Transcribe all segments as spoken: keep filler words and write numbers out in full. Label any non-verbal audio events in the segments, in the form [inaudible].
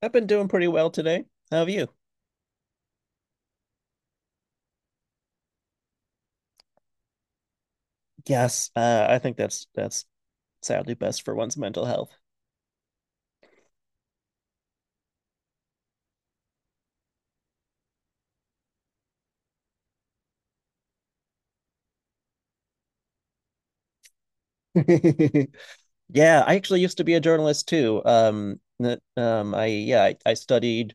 I've been doing pretty well today. How have you? Yes, uh, I think that's that's sadly best for one's mental health. [laughs] Yeah, I actually used to be a journalist too. Um, n- um, I Yeah, I, I studied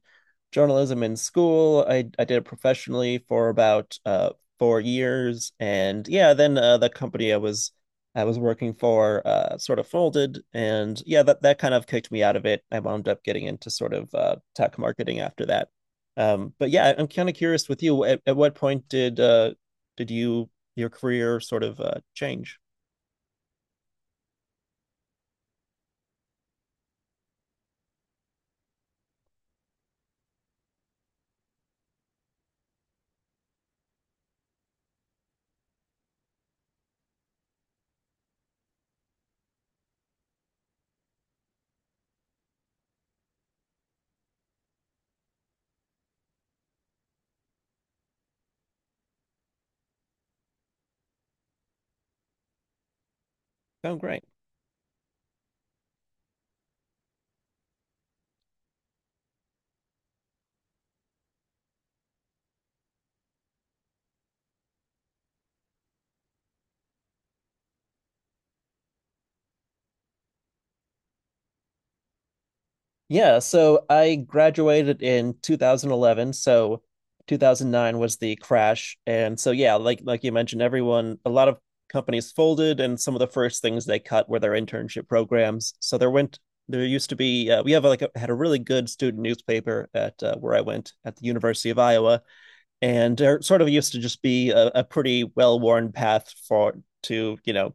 journalism in school. I I did it professionally for about uh four years, and yeah, then uh, the company I was I was working for uh sort of folded, and yeah, that that kind of kicked me out of it. I wound up getting into sort of uh tech marketing after that. Um, but yeah, I'm kind of curious with you. At, at what point did uh did you your career sort of uh change? Oh, great. Yeah, so I graduated in two thousand eleven, so two thousand nine was the crash. And so yeah, like like you mentioned, everyone, a lot of companies folded and some of the first things they cut were their internship programs. So there went there used to be uh, we have like a, had a really good student newspaper at uh, where I went at the University of Iowa, and there sort of used to just be a, a pretty well-worn path for to, you know,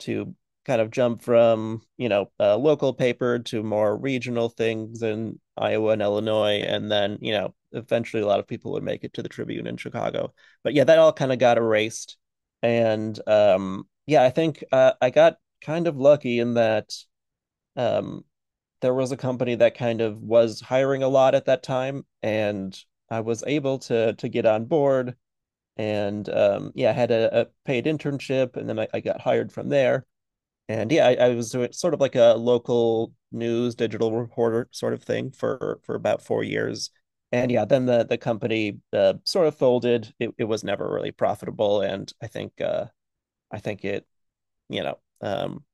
to kind of jump from, you know, a local paper to more regional things in Iowa and Illinois, and then, you know, eventually a lot of people would make it to the Tribune in Chicago. But yeah, that all kind of got erased, and um, yeah, I think uh, I got kind of lucky in that um, there was a company that kind of was hiring a lot at that time, and I was able to to get on board. And um, yeah, I had a, a paid internship, and then I, I got hired from there, and yeah, I, I was doing sort of like a local news digital reporter sort of thing for for about four years. And yeah, then the the company uh, sort of folded. It, it was never really profitable, and I think uh, I think it you know um,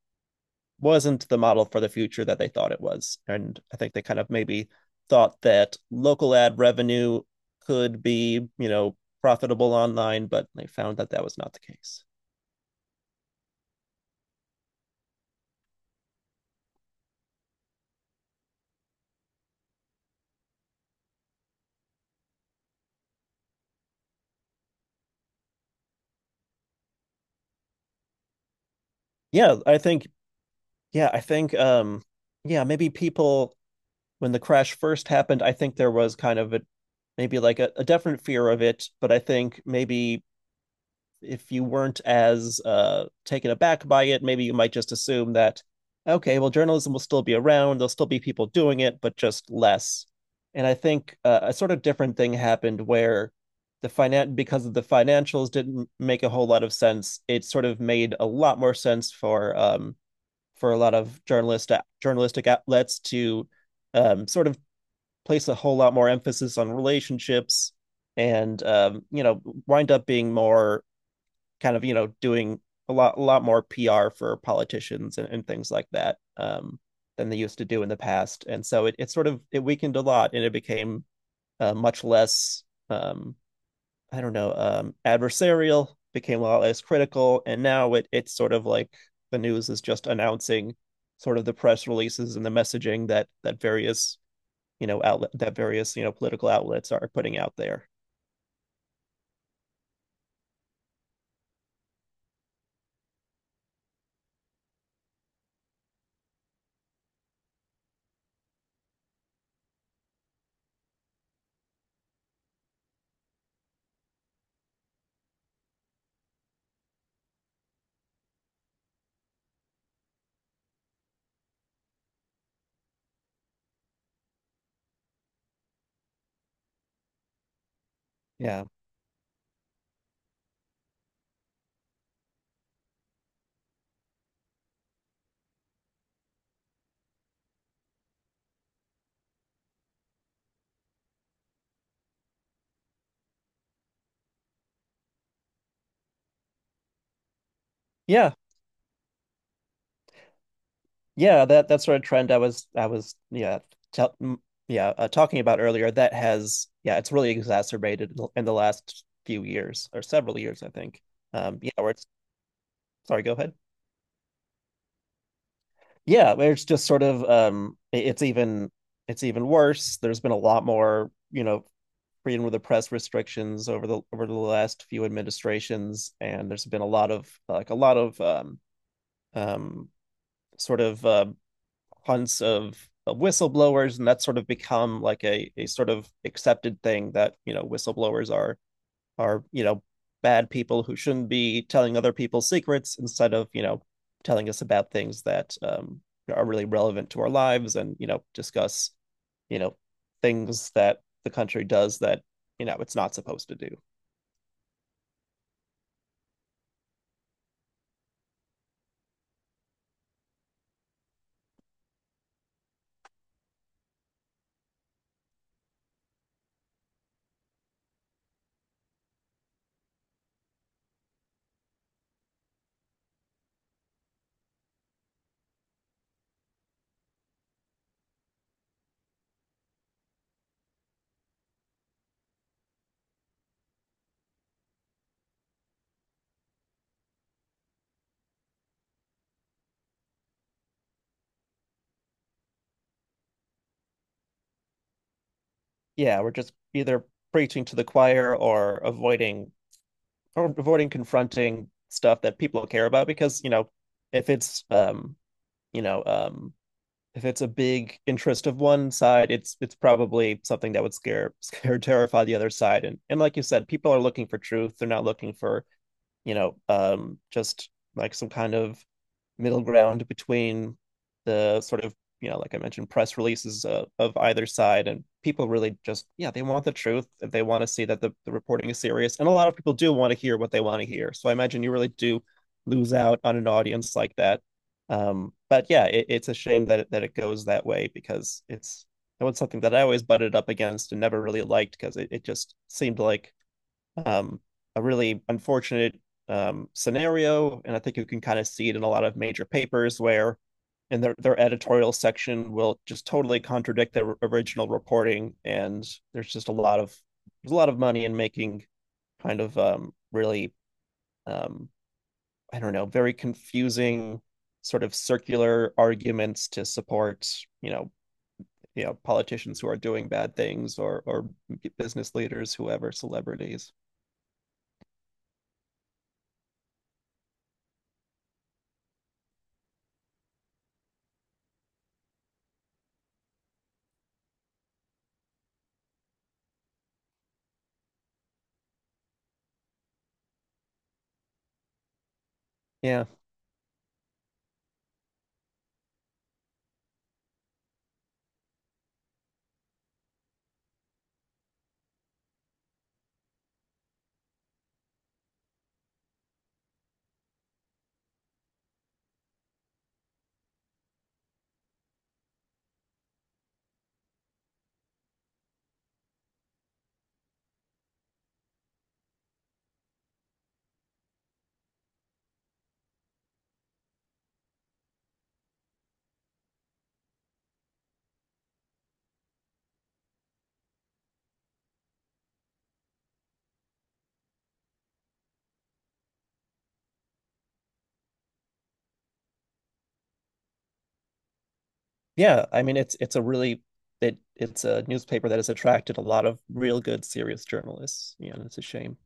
wasn't the model for the future that they thought it was. And I think they kind of maybe thought that local ad revenue could be, you know, profitable online, but they found that that was not the case. Yeah, I think yeah, I think um, yeah maybe people, when the crash first happened, I think there was kind of a, maybe like a, a definite fear of it, but I think maybe if you weren't as uh, taken aback by it, maybe you might just assume that, okay, well, journalism will still be around, there'll still be people doing it, but just less. And I think uh, a sort of different thing happened where the finan- because of the financials didn't make a whole lot of sense. It sort of made a lot more sense for um, for a lot of journalist journalistic outlets to um, sort of place a whole lot more emphasis on relationships and, um, you know, wind up being more kind of, you know, doing a lot a lot more P R for politicians and, and things like that, um, than they used to do in the past. And so it, it sort of it weakened a lot and it became uh, much less, um, I don't know, um, adversarial, became a lot less critical, and now it it's sort of like the news is just announcing sort of the press releases and the messaging that that various, you know, outlet that various, you know, political outlets are putting out there. Yeah. Yeah, yeah that that sort of trend i was i was yeah tell, yeah, uh, talking about earlier, that has, yeah, it's really exacerbated in the last few years or several years, I think. um yeah, where it's, sorry, go ahead. Yeah, where it's just sort of, um it's even, it's even worse. There's been a lot more, you know, freedom of the press restrictions over the over the last few administrations, and there's been a lot of, like, a lot of um um sort of uh, hunts of, of whistleblowers, and that's sort of become like a a sort of accepted thing that, you know, whistleblowers are are you know, bad people who shouldn't be telling other people secrets, instead of, you know, telling us about things that, um, are really relevant to our lives, and, you know, discuss, you know, things that the country does that, you know, it's not supposed to do. Yeah, we're just either preaching to the choir or avoiding or avoiding confronting stuff that people care about, because, you know, if it's um you know um if it's a big interest of one side, it's it's probably something that would scare [laughs] scare terrify the other side, and and like you said, people are looking for truth. They're not looking for, you know, um, just like some kind of middle ground between the sort of, you know, like I mentioned, press releases uh, of either side. And people really just, yeah, they want the truth. They want to see that the, the reporting is serious. And a lot of people do want to hear what they want to hear. So I imagine you really do lose out on an audience like that. Um, but yeah, it, it's a shame that it, that it goes that way, because it's, it was something that I always butted up against and never really liked, because it, it just seemed like um, a really unfortunate, um, scenario. And I think you can kind of see it in a lot of major papers where, in their their editorial section, will just totally contradict their original reporting, and there's just a lot of, there's a lot of money in making kind of, um, really, um, I don't know very confusing sort of circular arguments to support, you know, you know politicians who are doing bad things, or or business leaders, whoever, celebrities. Yeah. Yeah, I mean, it's it's a really, it it's a newspaper that has attracted a lot of real good serious journalists. Yeah, and it's a shame.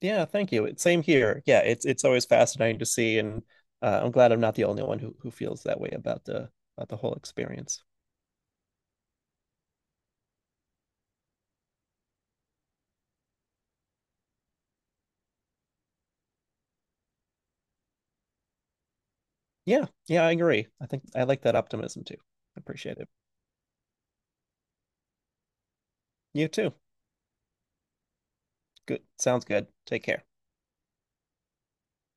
Yeah, thank you. It's same here. Yeah, it's it's always fascinating to see, and uh, I'm glad I'm not the only one who who feels that way about the, about the whole experience. Yeah, yeah, I agree. I think I like that optimism too. I appreciate it. You too. Good. Sounds good. Take care.